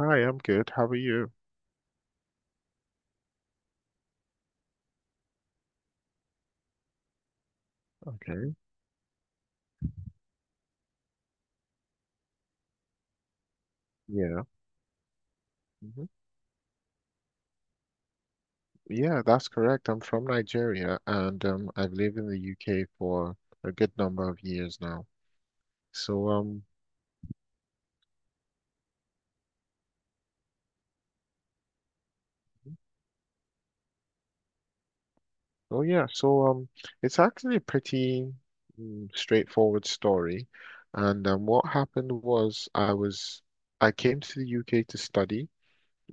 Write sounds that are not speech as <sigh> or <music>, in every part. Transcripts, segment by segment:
Hi, I'm good. How are you? Okay. Yeah. Hmm. Yeah, that's correct. I'm from Nigeria and I've lived in the UK for a good number of years now. So, um, oh yeah, it's actually a pretty straightforward story. And what happened was I came to the UK to study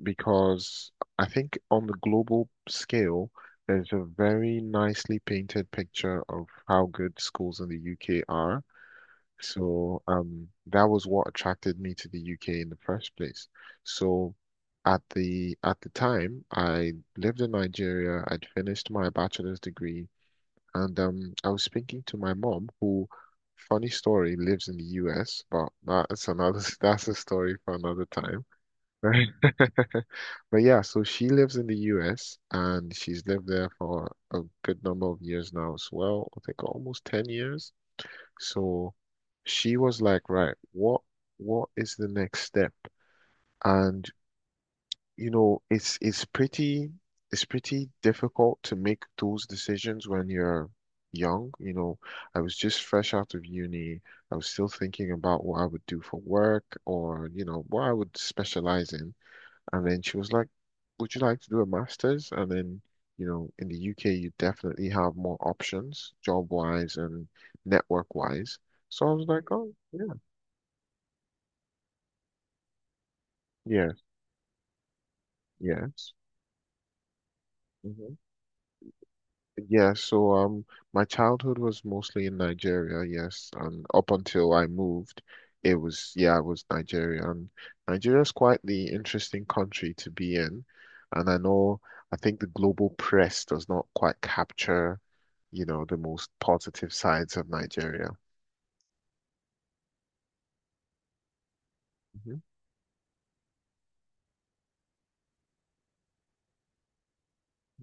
because I think on the global scale, there's a very nicely painted picture of how good schools in the UK are. So that was what attracted me to the UK in the first place. So at the time, I lived in Nigeria. I'd finished my bachelor's degree, and I was speaking to my mom, who, funny story, lives in the US, but that's another <laughs> that's a story for another time. Right. <laughs> But yeah, so she lives in the US and she's lived there for a good number of years now as well. I think almost 10 years. So she was like, right, what is the next step? And you know, it's it's pretty it's pretty difficult to make those decisions when you're young. I was just fresh out of uni. I was still thinking about what I would do for work or, what I would specialize in. And then she was like, Would you like to do a master's? And then, in the UK, you definitely have more options, job wise and network wise. So I was like, Oh, yeah, yes, yes. Mm-hmm. Yeah, so my childhood was mostly in Nigeria, yes, and up until I moved, it was yeah, it was Nigeria, and Nigeria's quite the interesting country to be in, and I think the global press does not quite capture, the most positive sides of Nigeria. Hmm.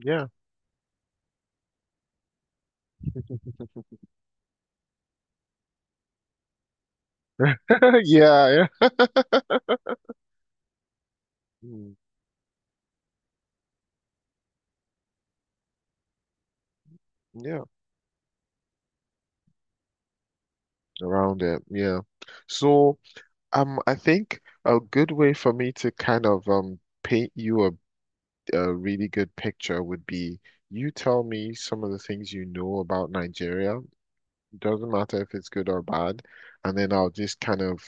Yeah. <laughs> Yeah, yeah. Mm. Yeah, around it. Yeah. So, I think a good way for me to kind of paint you a really good picture would be you tell me some of the things you know about Nigeria. Doesn't matter if it's good or bad, and then I'll just kind of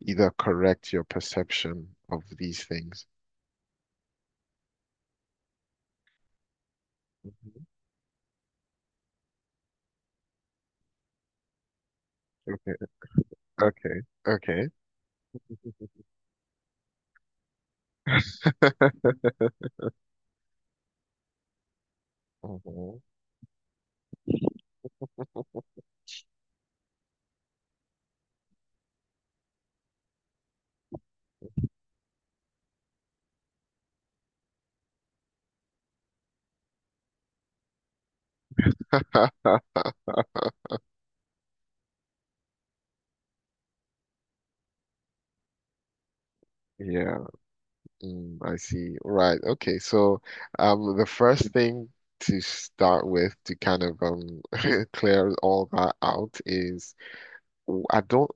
either correct your perception of these things. Mhm. Okay, okay. Okay. <laughs> Mhm. <laughs> Yeah, I see. Right. Okay. So, the first thing to start with to kind of <laughs> clear all that out is I don't,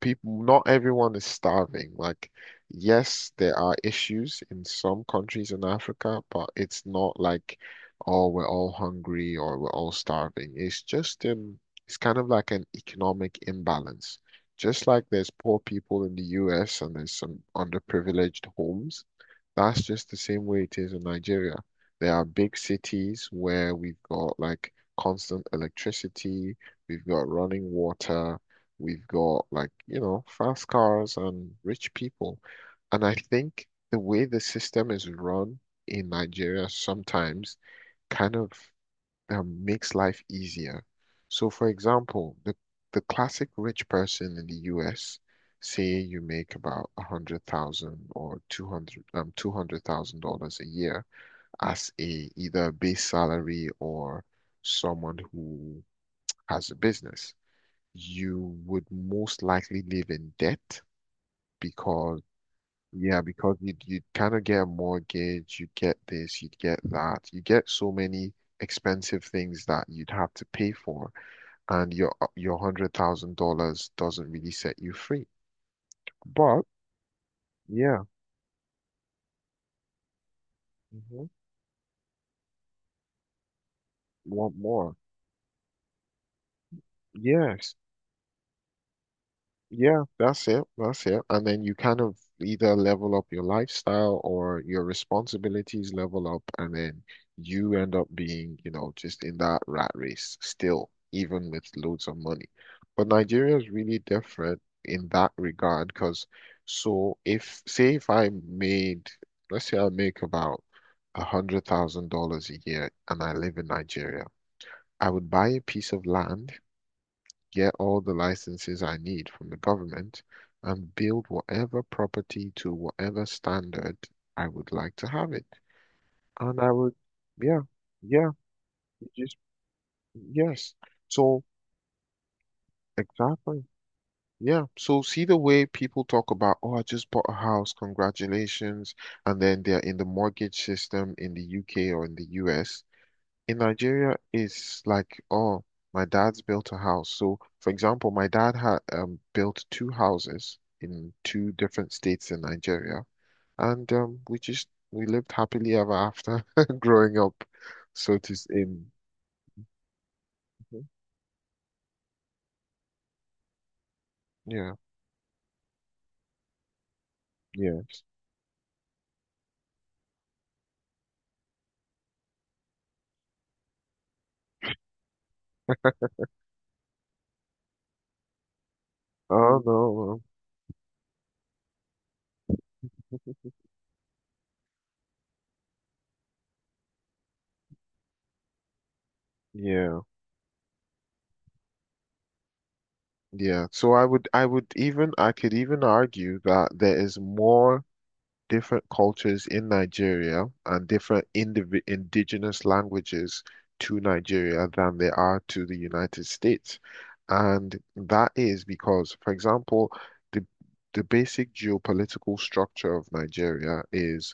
people, not everyone is starving. Like, yes, there are issues in some countries in Africa, but it's not like, oh, we're all hungry or we're all starving. It's kind of like an economic imbalance. Just like there's poor people in the US and there's some underprivileged homes, that's just the same way it is in Nigeria. There are big cities where we've got like constant electricity. We've got running water. We've got like, fast cars and rich people. And I think the way the system is run in Nigeria sometimes kind of makes life easier. So, for example, the classic rich person in the US, say you make about 100,000 or $200,000 a year as a either a base salary or someone who has a business, you would most likely live in debt because yeah, because you'd kind of get a mortgage, you'd get this, you'd get that, you get so many expensive things that you'd have to pay for, and your $100,000 doesn't really set you free. But yeah, mhm. Want more? Yes. Yeah, that's it. That's it. And then you kind of either level up your lifestyle or your responsibilities level up, and then you end up being, just in that rat race still, even with loads of money. But Nigeria is really different in that regard because, so if, say, if I made, let's say I make about $100,000 a year and I live in Nigeria, I would buy a piece of land, get all the licenses I need from the government, and build whatever property to whatever standard I would like to have it. And I would, yeah, yeah, it just, yes. So, exactly. Yeah. So, see the way people talk about, oh, I just bought a house, congratulations. And then they're in the mortgage system in the UK or in the US. In Nigeria, it's like, oh, my dad's built a house. So, for example, my dad had built two houses in two different states in Nigeria, and we lived happily ever after <laughs> growing up, so to s- in Mhm. Yeah, yeah. Oh no, well, yeah, yeah. So I could even argue that there is more different cultures in Nigeria and different indiv indigenous languages to Nigeria than there are to the United States. And that is because, for example, the the basic geopolitical structure of Nigeria is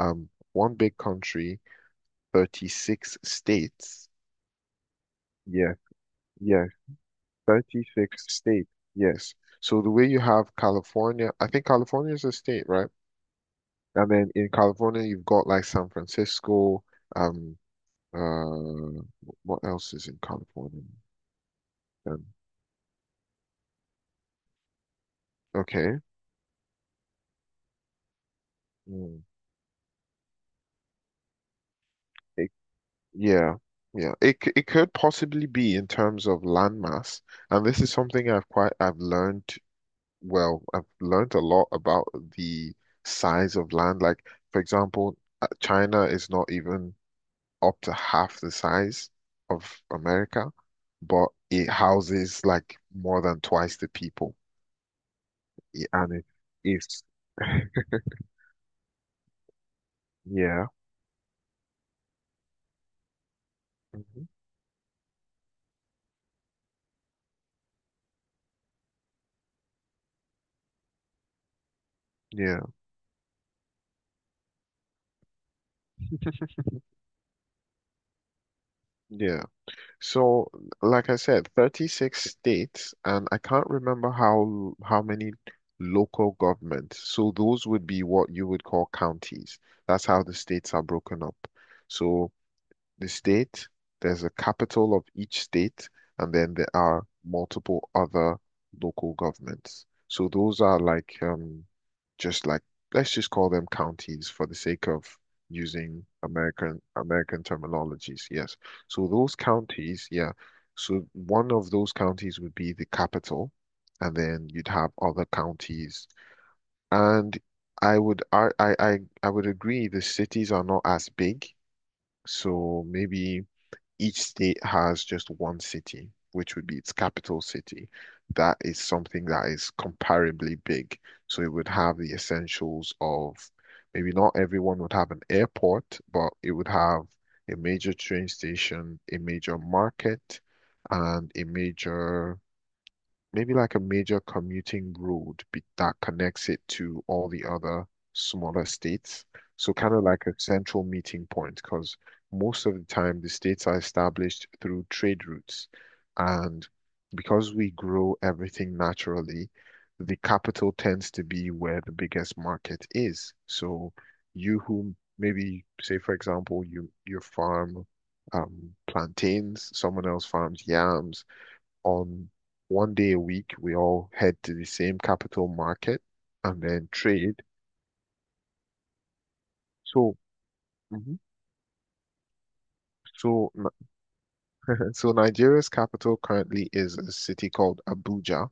um, one big country, 36 states. Yeah, yeah, 36 states. Yes. So the way you have California, I think California is a state, right? And then in California, you've got like San Francisco. Um, uh, what else is in California? Um, okay. Mm. It, yeah, yeah. It could possibly be in terms of landmass, and this is something I've learned. Well, I've learned a lot about the size of land. Like, for example, China is not even up to half the size of America, but it houses like more than twice the people. And it's <laughs> yeah. Mhm. Yeah, yeah. So, like I said, 36 states, and I can't remember how many local governments. So those would be what you would call counties. That's how the states are broken up. So the state, there's a capital of each state, and then there are multiple other local governments. So those are like just like let's just call them counties for the sake of using American terminologies. Yes. So those counties, yeah. So one of those counties would be the capital, and then you'd have other counties. And I would I I I I would agree the cities are not as big. So maybe each state has just one city, which would be its capital city. That is something that is comparably big. So it would have the essentials of maybe not everyone would have an airport, but it would have a major train station, a major market, and a major maybe like a major commuting road be that connects it to all the other smaller states. So kind of like a central meeting point, because most of the time the states are established through trade routes. And because we grow everything naturally, the capital tends to be where the biggest market is. So you who maybe say, for example, you farm plantains, someone else farms yams on one day a week, we all head to the same capital market and then trade. So, mhm. so, Ni- <laughs> so Nigeria's capital currently is a city called Abuja.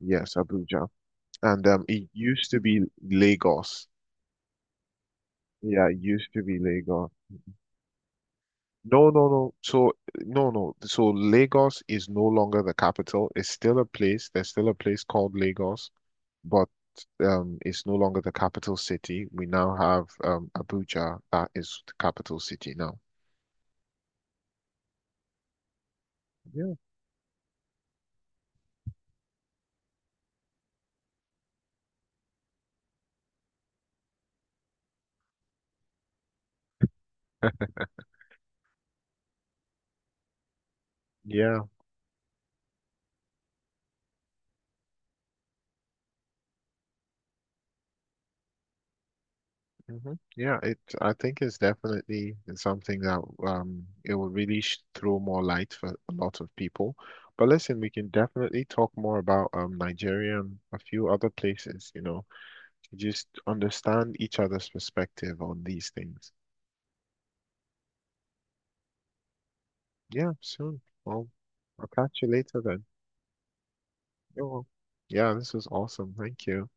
Yes, Abuja. And it used to be Lagos. Yeah, it used to be Lagos. No, no, no. So, no, no. So Lagos is no longer the capital. It's still a place. There's still a place called Lagos. But it's no longer the capital city. We now have Abuja that is the capital city now. Yeah, yeah. Hmm. Yeah, it I think it's definitely something that it will really sh throw more light for a lot of people. But listen, we can definitely talk more about Nigeria and a few other places, to just understand each other's perspective on these things. Yeah, soon. Well, I'll catch you later then. You're wel- Yeah, this was awesome. Thank you.